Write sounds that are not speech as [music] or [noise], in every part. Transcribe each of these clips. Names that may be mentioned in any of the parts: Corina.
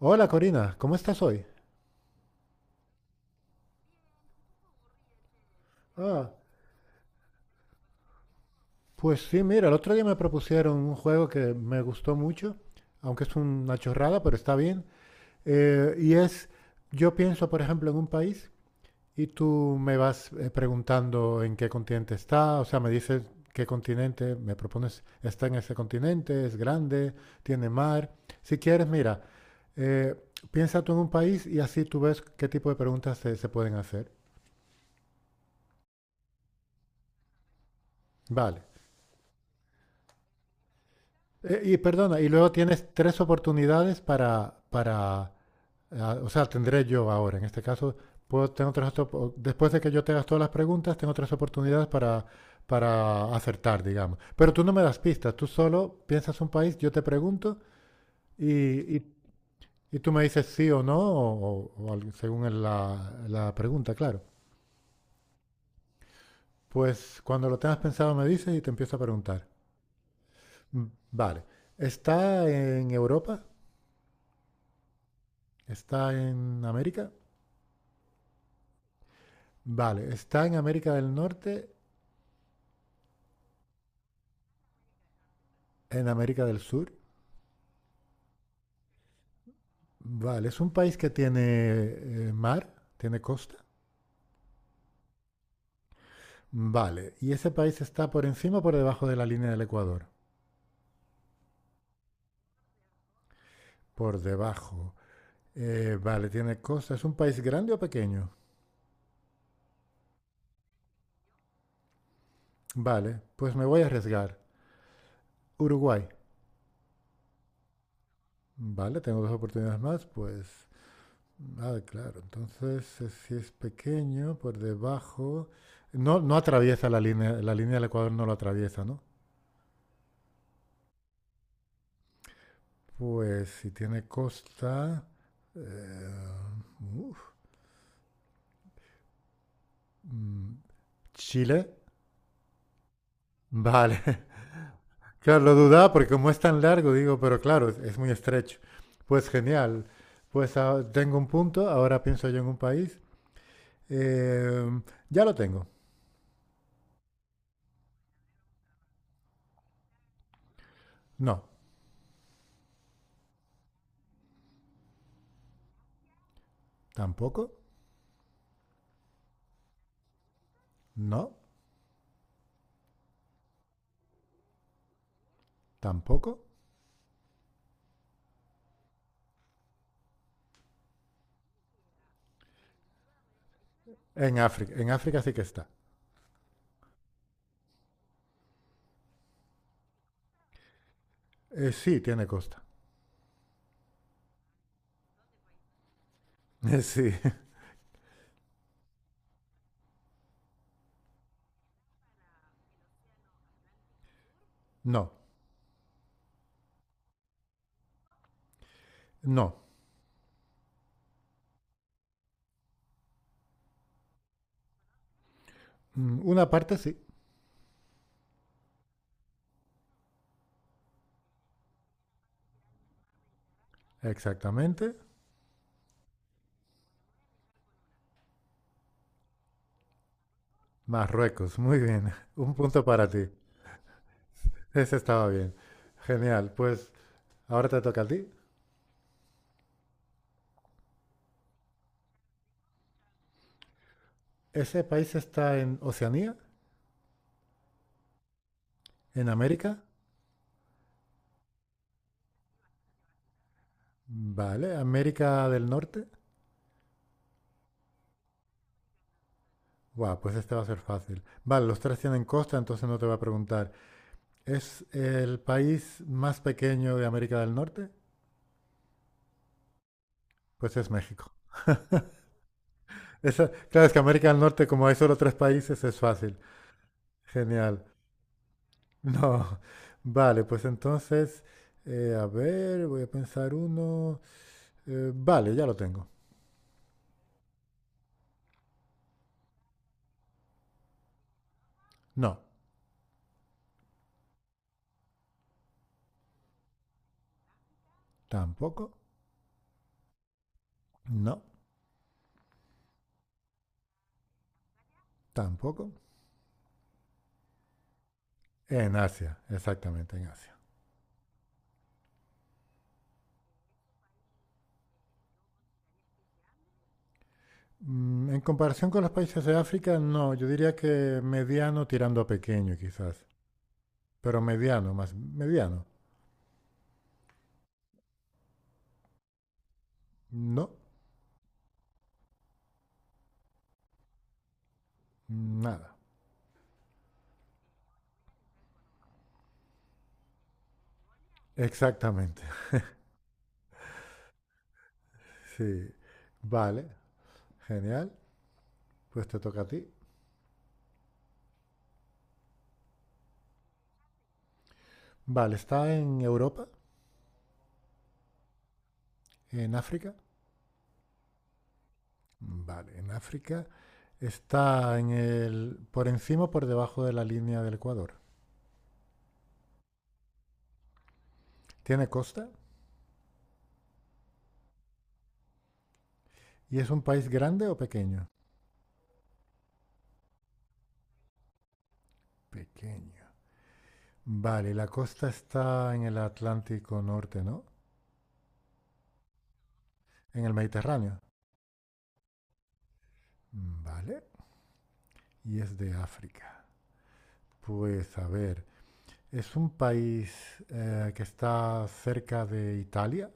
Hola Corina, ¿cómo estás hoy? Ah, pues sí, mira, el otro día me propusieron un juego que me gustó mucho, aunque es una chorrada, pero está bien. Eh, y es, yo pienso, por ejemplo, en un país y tú me vas preguntando en qué continente está, o sea, me dices qué continente, me propones, está en ese continente, es grande, tiene mar. Si quieres, mira, eh, piensa tú en un país y así tú ves qué tipo de preguntas se pueden hacer. Vale. Y perdona, y luego tienes tres oportunidades ah, o sea, tendré yo ahora, en este caso, puedo, tengo tres, después de que yo te haga todas las preguntas, tengo tres oportunidades para acertar, digamos. Pero tú no me das pistas, tú solo piensas un país, yo te pregunto y, y- y tú me dices sí o no, o algo según la, la pregunta, claro. Pues cuando lo tengas pensado me dices y te empiezo a preguntar. Vale, ¿está en Europa? ¿Está en América? Vale, está en América del Norte, en América del Sur. Vale, es un país que tiene mar, tiene costa. Vale, ¿y ese país está por encima o por debajo de la línea del Ecuador? Por debajo. Vale, tiene costa. ¿Es un país grande o pequeño? Vale, pues me voy a arriesgar. Uruguay. Vale, tengo dos oportunidades más, pues... Ah, claro. Entonces, si es pequeño, por debajo... No, no atraviesa la línea del Ecuador no lo atraviesa, ¿no? Pues si tiene costa, eh, uf, mm, Chile. Vale. [laughs] Claro, lo dudaba porque como es tan largo, digo, pero claro, es muy estrecho. Pues genial. Pues ah, tengo un punto, ahora pienso yo en un país. Eh, ya lo tengo. No, tampoco. No, tampoco. En África. En África sí que está. Sí, tiene costa. [laughs] Sí. [laughs] No, no. Mm, una parte sí, exactamente. Marruecos, muy bien. [laughs] Un punto para ti. Ese estaba bien. Genial. Pues ahora te toca a ti. ¿Ese país está en Oceanía? ¿En América? Vale. ¿América del Norte? Guau, pues este va a ser fácil. Vale, los tres tienen costa, entonces no te voy a preguntar. ¿Es el país más pequeño de América del Norte? Pues es México. [laughs] Esa- claro, es que América del Norte, como hay solo tres países, es fácil. Genial. No, [laughs] vale, pues entonces, a ver, voy a pensar uno. Vale, ya lo tengo. No, tampoco. No, tampoco. En Asia, exactamente, en Asia. Mm, en comparación con los países de África, no, yo diría que mediano tirando a pequeño quizás, pero mediano, más mediano. No, nada. Exactamente, [laughs] sí. Vale, genial. Pues te toca a ti. Vale, ¿está en Europa? ¿En África? Vale, en África está en el, ¿por encima o por debajo de la línea del Ecuador? ¿Tiene costa? ¿Y es un país grande o pequeño? Pequeño. Vale, la costa está en el Atlántico Norte, ¿no? En el Mediterráneo. Vale, y es de África. Pues a ver, ¿es un país que está cerca de Italia?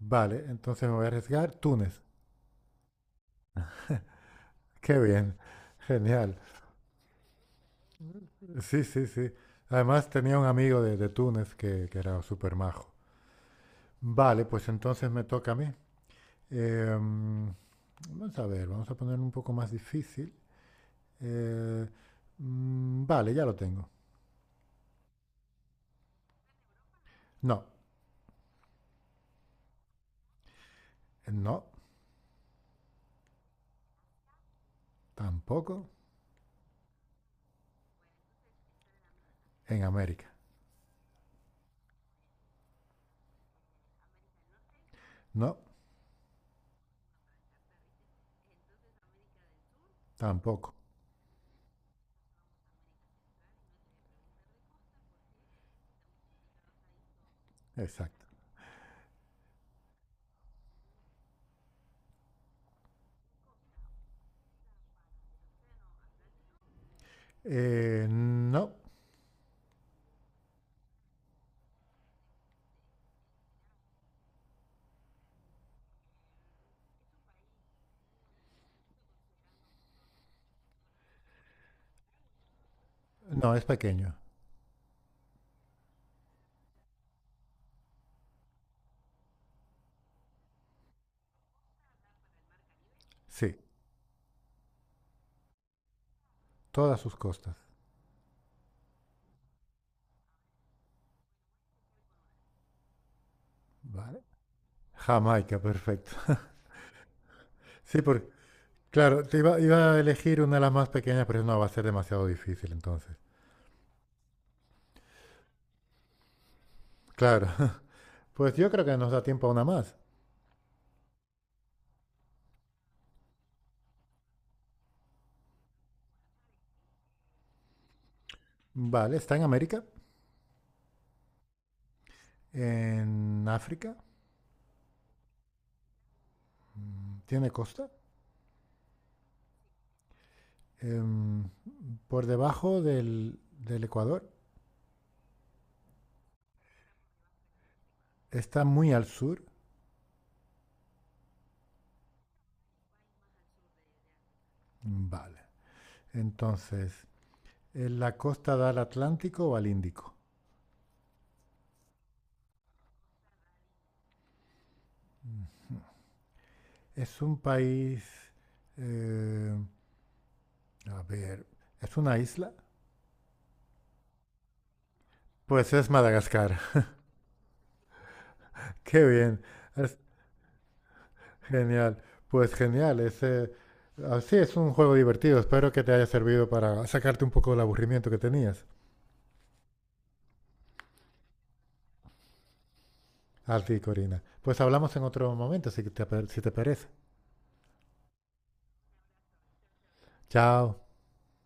Vale, entonces me voy a arriesgar Túnez. Qué bien, [laughs] genial. Sí, sí, sí. Además tenía un amigo de Túnez que era súper majo. Vale, pues entonces me toca a mí. Em, vamos a ver, vamos a poner un poco más difícil. Eh, vale, ya lo tengo. No, no, tampoco en América. No, tampoco. Exacto. No, no, es pequeño. Sí, todas sus costas. Vale. Jamaica, perfecto. [laughs] Sí, por- Claro, te iba, iba a elegir una de las más pequeñas, pero no, va a ser demasiado difícil entonces. Claro, [laughs] pues yo creo que nos da tiempo a una más. Vale, está en América, en África, tiene costa, em, por debajo del, del Ecuador, está muy al sur. Vale, entonces, ¿en la costa da al Atlántico o al Índico? Es un país, eh, a ver, ¿es una isla? Pues es Madagascar, [laughs] qué bien. Genial, pues genial. Ese, así es un juego divertido. Espero que te haya servido para sacarte un poco del aburrimiento que tenías. Así, Corina. Pues hablamos en otro momento, si te, si te parece. Chao.